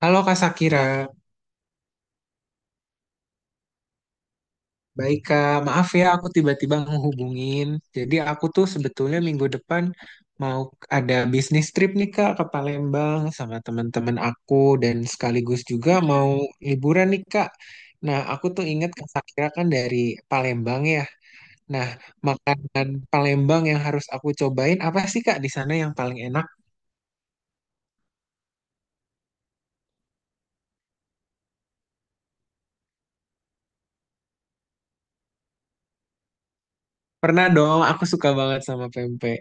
Halo Kak Sakira, baik Kak. Maaf ya aku tiba-tiba menghubungin. Jadi aku tuh sebetulnya minggu depan mau ada bisnis trip nih Kak ke Palembang sama teman-teman aku dan sekaligus juga mau liburan nih Kak. Nah, aku tuh ingat Kak Sakira kan dari Palembang ya. Nah, makanan Palembang yang harus aku cobain apa sih Kak di sana yang paling enak? Pernah dong, aku suka banget sama pempek.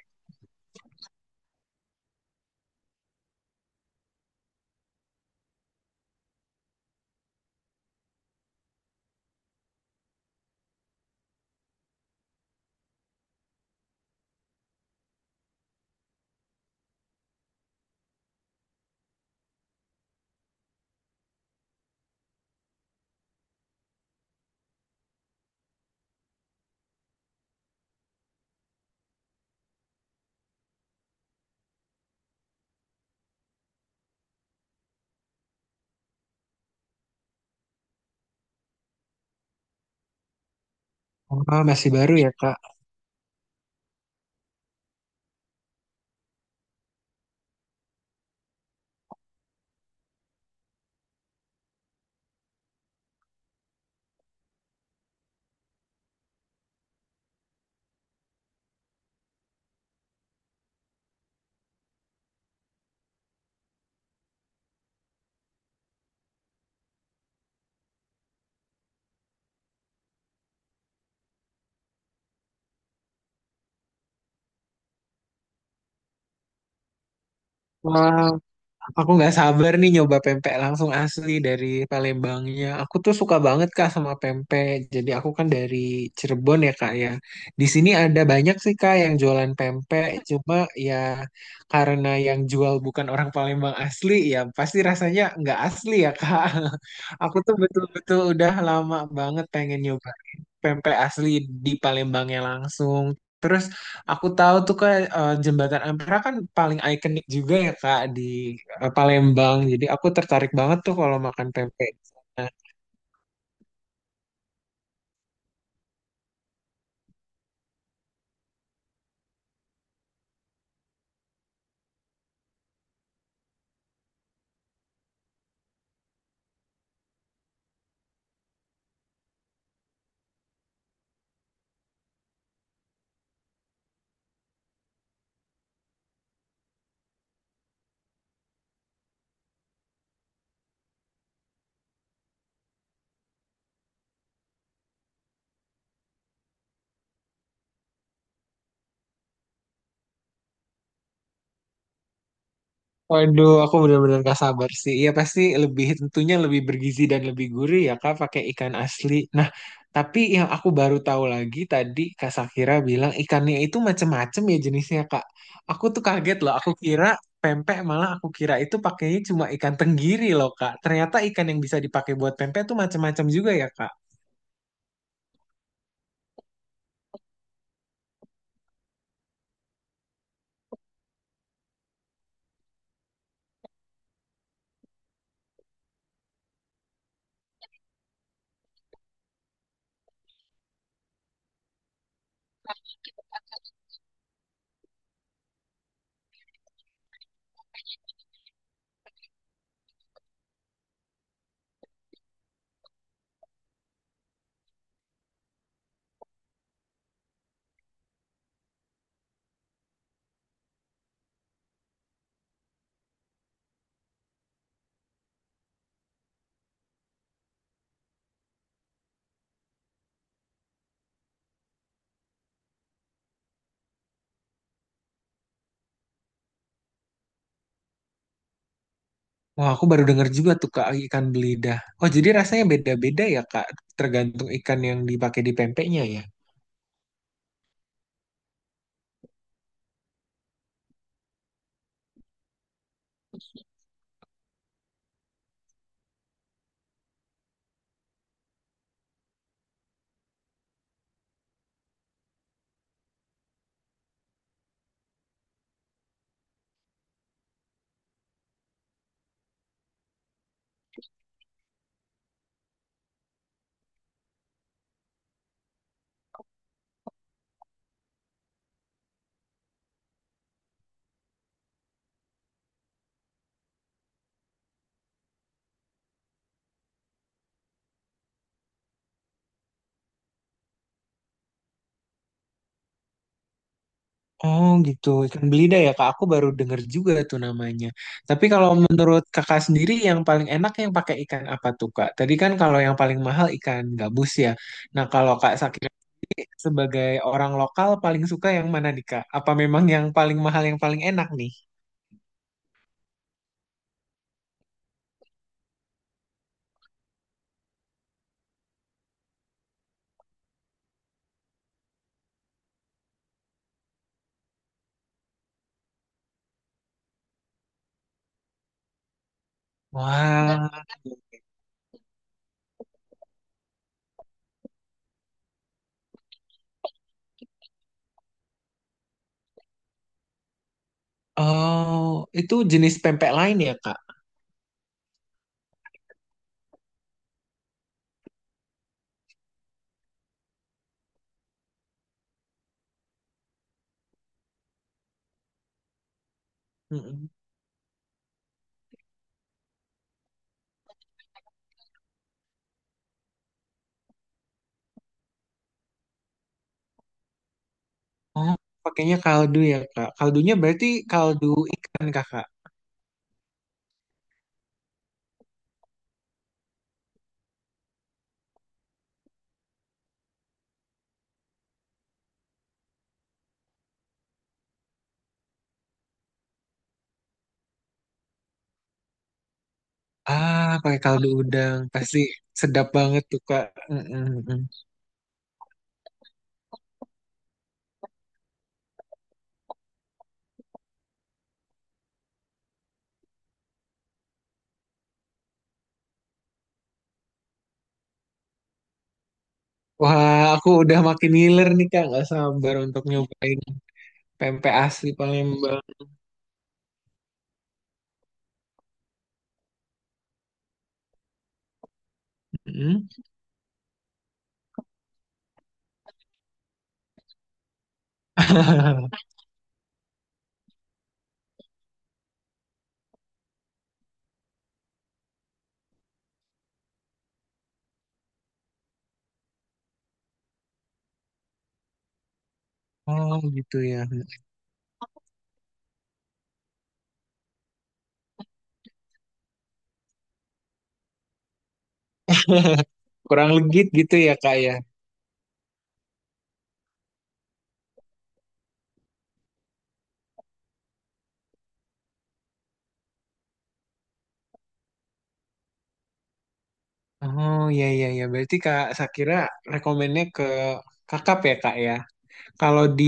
Wah, masih baru ya Kak. Wah, Aku nggak sabar nih nyoba pempek langsung asli dari Palembangnya. Aku tuh suka banget Kak sama pempek. Jadi aku kan dari Cirebon ya Kak ya. Di sini ada banyak sih Kak yang jualan pempek. Cuma ya karena yang jual bukan orang Palembang asli ya pasti rasanya nggak asli ya Kak. Aku tuh betul-betul udah lama banget pengen nyoba pempek asli di Palembangnya langsung. Terus aku tahu tuh kak Jembatan Ampera kan paling ikonik juga ya Kak di Palembang. Jadi aku tertarik banget tuh kalau makan pempek di sana. Waduh, aku benar-benar gak sabar sih. Iya pasti lebih tentunya lebih bergizi dan lebih gurih ya Kak pakai ikan asli. Nah, tapi yang aku baru tahu lagi tadi Kak Sakira bilang ikannya itu macem-macem ya jenisnya Kak. Aku tuh kaget loh. Aku kira pempek malah aku kira itu pakainya cuma ikan tenggiri loh Kak. Ternyata ikan yang bisa dipakai buat pempek tuh macem-macem juga ya Kak. Wah, aku baru denger juga tuh Kak ikan belida. Oh, jadi rasanya beda-beda ya Kak, tergantung ikan yang dipakai di pempeknya ya. Oh gitu, ikan belida ya kak. Aku baru denger juga tuh namanya. Tapi kalau menurut kakak sendiri yang paling enak yang pakai ikan apa tuh kak? Tadi kan kalau yang paling mahal ikan gabus ya. Nah kalau kak Sakira sebagai orang lokal paling suka yang mana nih kak? Apa memang yang paling mahal yang paling enak nih? Wah, oh itu jenis pempek lain ya kak? Mm-mm. Ah, pakainya kaldu ya, Kak. Kaldunya berarti kaldu ikan, Kakak. Ah, pakai kaldu udang. Pasti sedap banget tuh, Kak. Mm-mm, mm. Wah, aku udah makin ngiler nih, Kak. Nggak sabar untuk nyobain pempek asli Palembang. Mm. Oh, gitu ya. Kurang legit gitu ya, Kak, ya. Oh, iya, iya, iya. Berarti Kak Sakira rekomennya ke Kakak ya, Kak, ya? Kalau di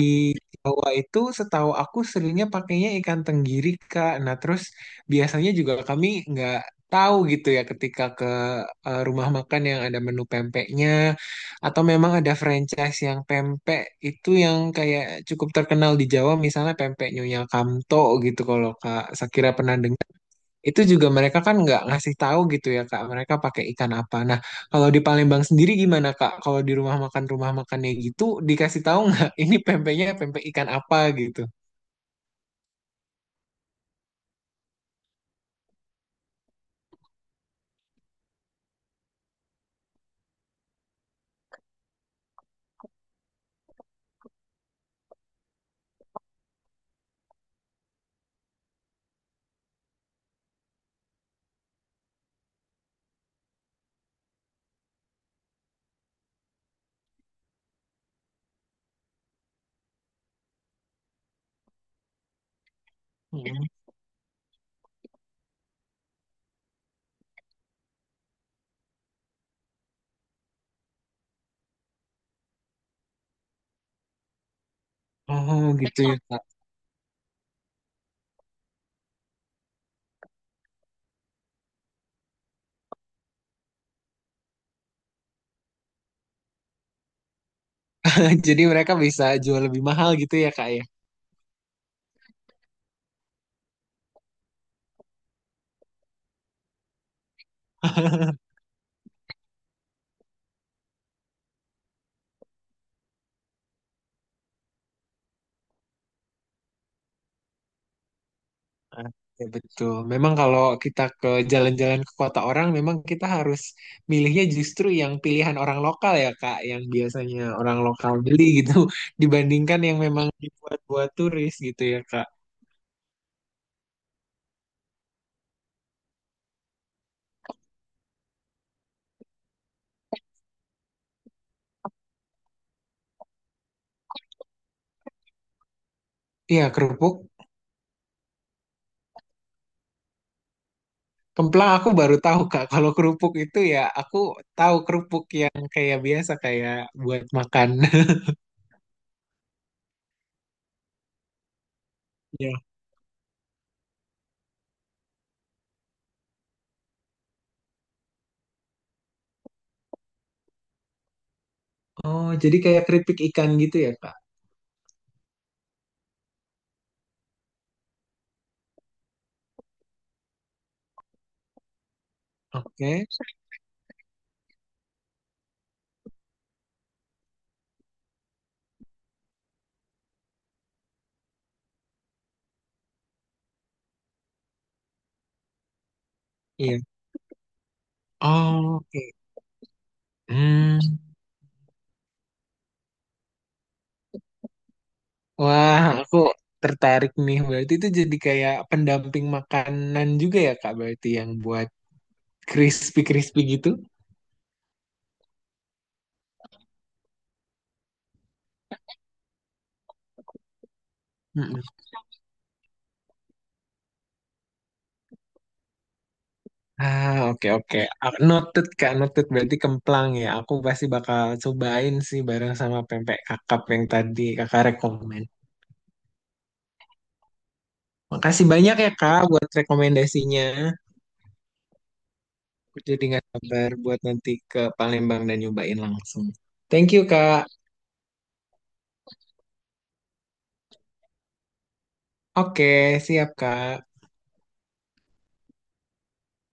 Jawa itu setahu aku seringnya pakainya ikan tenggiri, Kak. Nah, terus biasanya juga kami nggak tahu gitu ya ketika ke rumah makan yang ada menu pempeknya atau memang ada franchise yang pempek itu yang kayak cukup terkenal di Jawa misalnya pempek Nyonya Kamto gitu kalau Kak Sakira pernah itu juga mereka kan nggak ngasih tahu gitu ya Kak, mereka pakai ikan apa. Nah, kalau di Palembang sendiri gimana Kak? Kalau di rumah makan rumah makannya gitu dikasih tahu nggak ini pempeknya pempek ikan apa gitu? Mm. Oh gitu ya Kak. Jadi mereka bisa jual lebih mahal gitu ya Kak ya? Ah, Ya betul. Memang kalau kita ke jalan-jalan ke kota orang, memang kita harus milihnya justru yang pilihan orang lokal ya Kak, yang biasanya orang lokal beli gitu, dibandingkan yang memang dibuat-buat turis gitu ya Kak. Iya, kerupuk. Kemplang aku baru tahu, Kak. Kalau kerupuk itu ya, aku tahu kerupuk yang kayak biasa, kayak buat makan. Ya. Oh, jadi kayak keripik ikan gitu ya, Kak? Oke. Iya. Oh, oke. Hmm. Wah, aku tertarik nih. Berarti itu jadi kayak pendamping makanan juga ya, Kak? Berarti yang buat crispy-crispy gitu? Ah, oke oke. Ah, Noted Kak, noted berarti kemplang ya. Aku pasti bakal cobain sih bareng sama pempek kakap yang tadi Kakak rekomen. Makasih banyak ya Kak buat rekomendasinya. Aku jadi nggak sabar buat nanti ke Palembang dan nyobain langsung. Thank you Kak. Oke, siap Kak.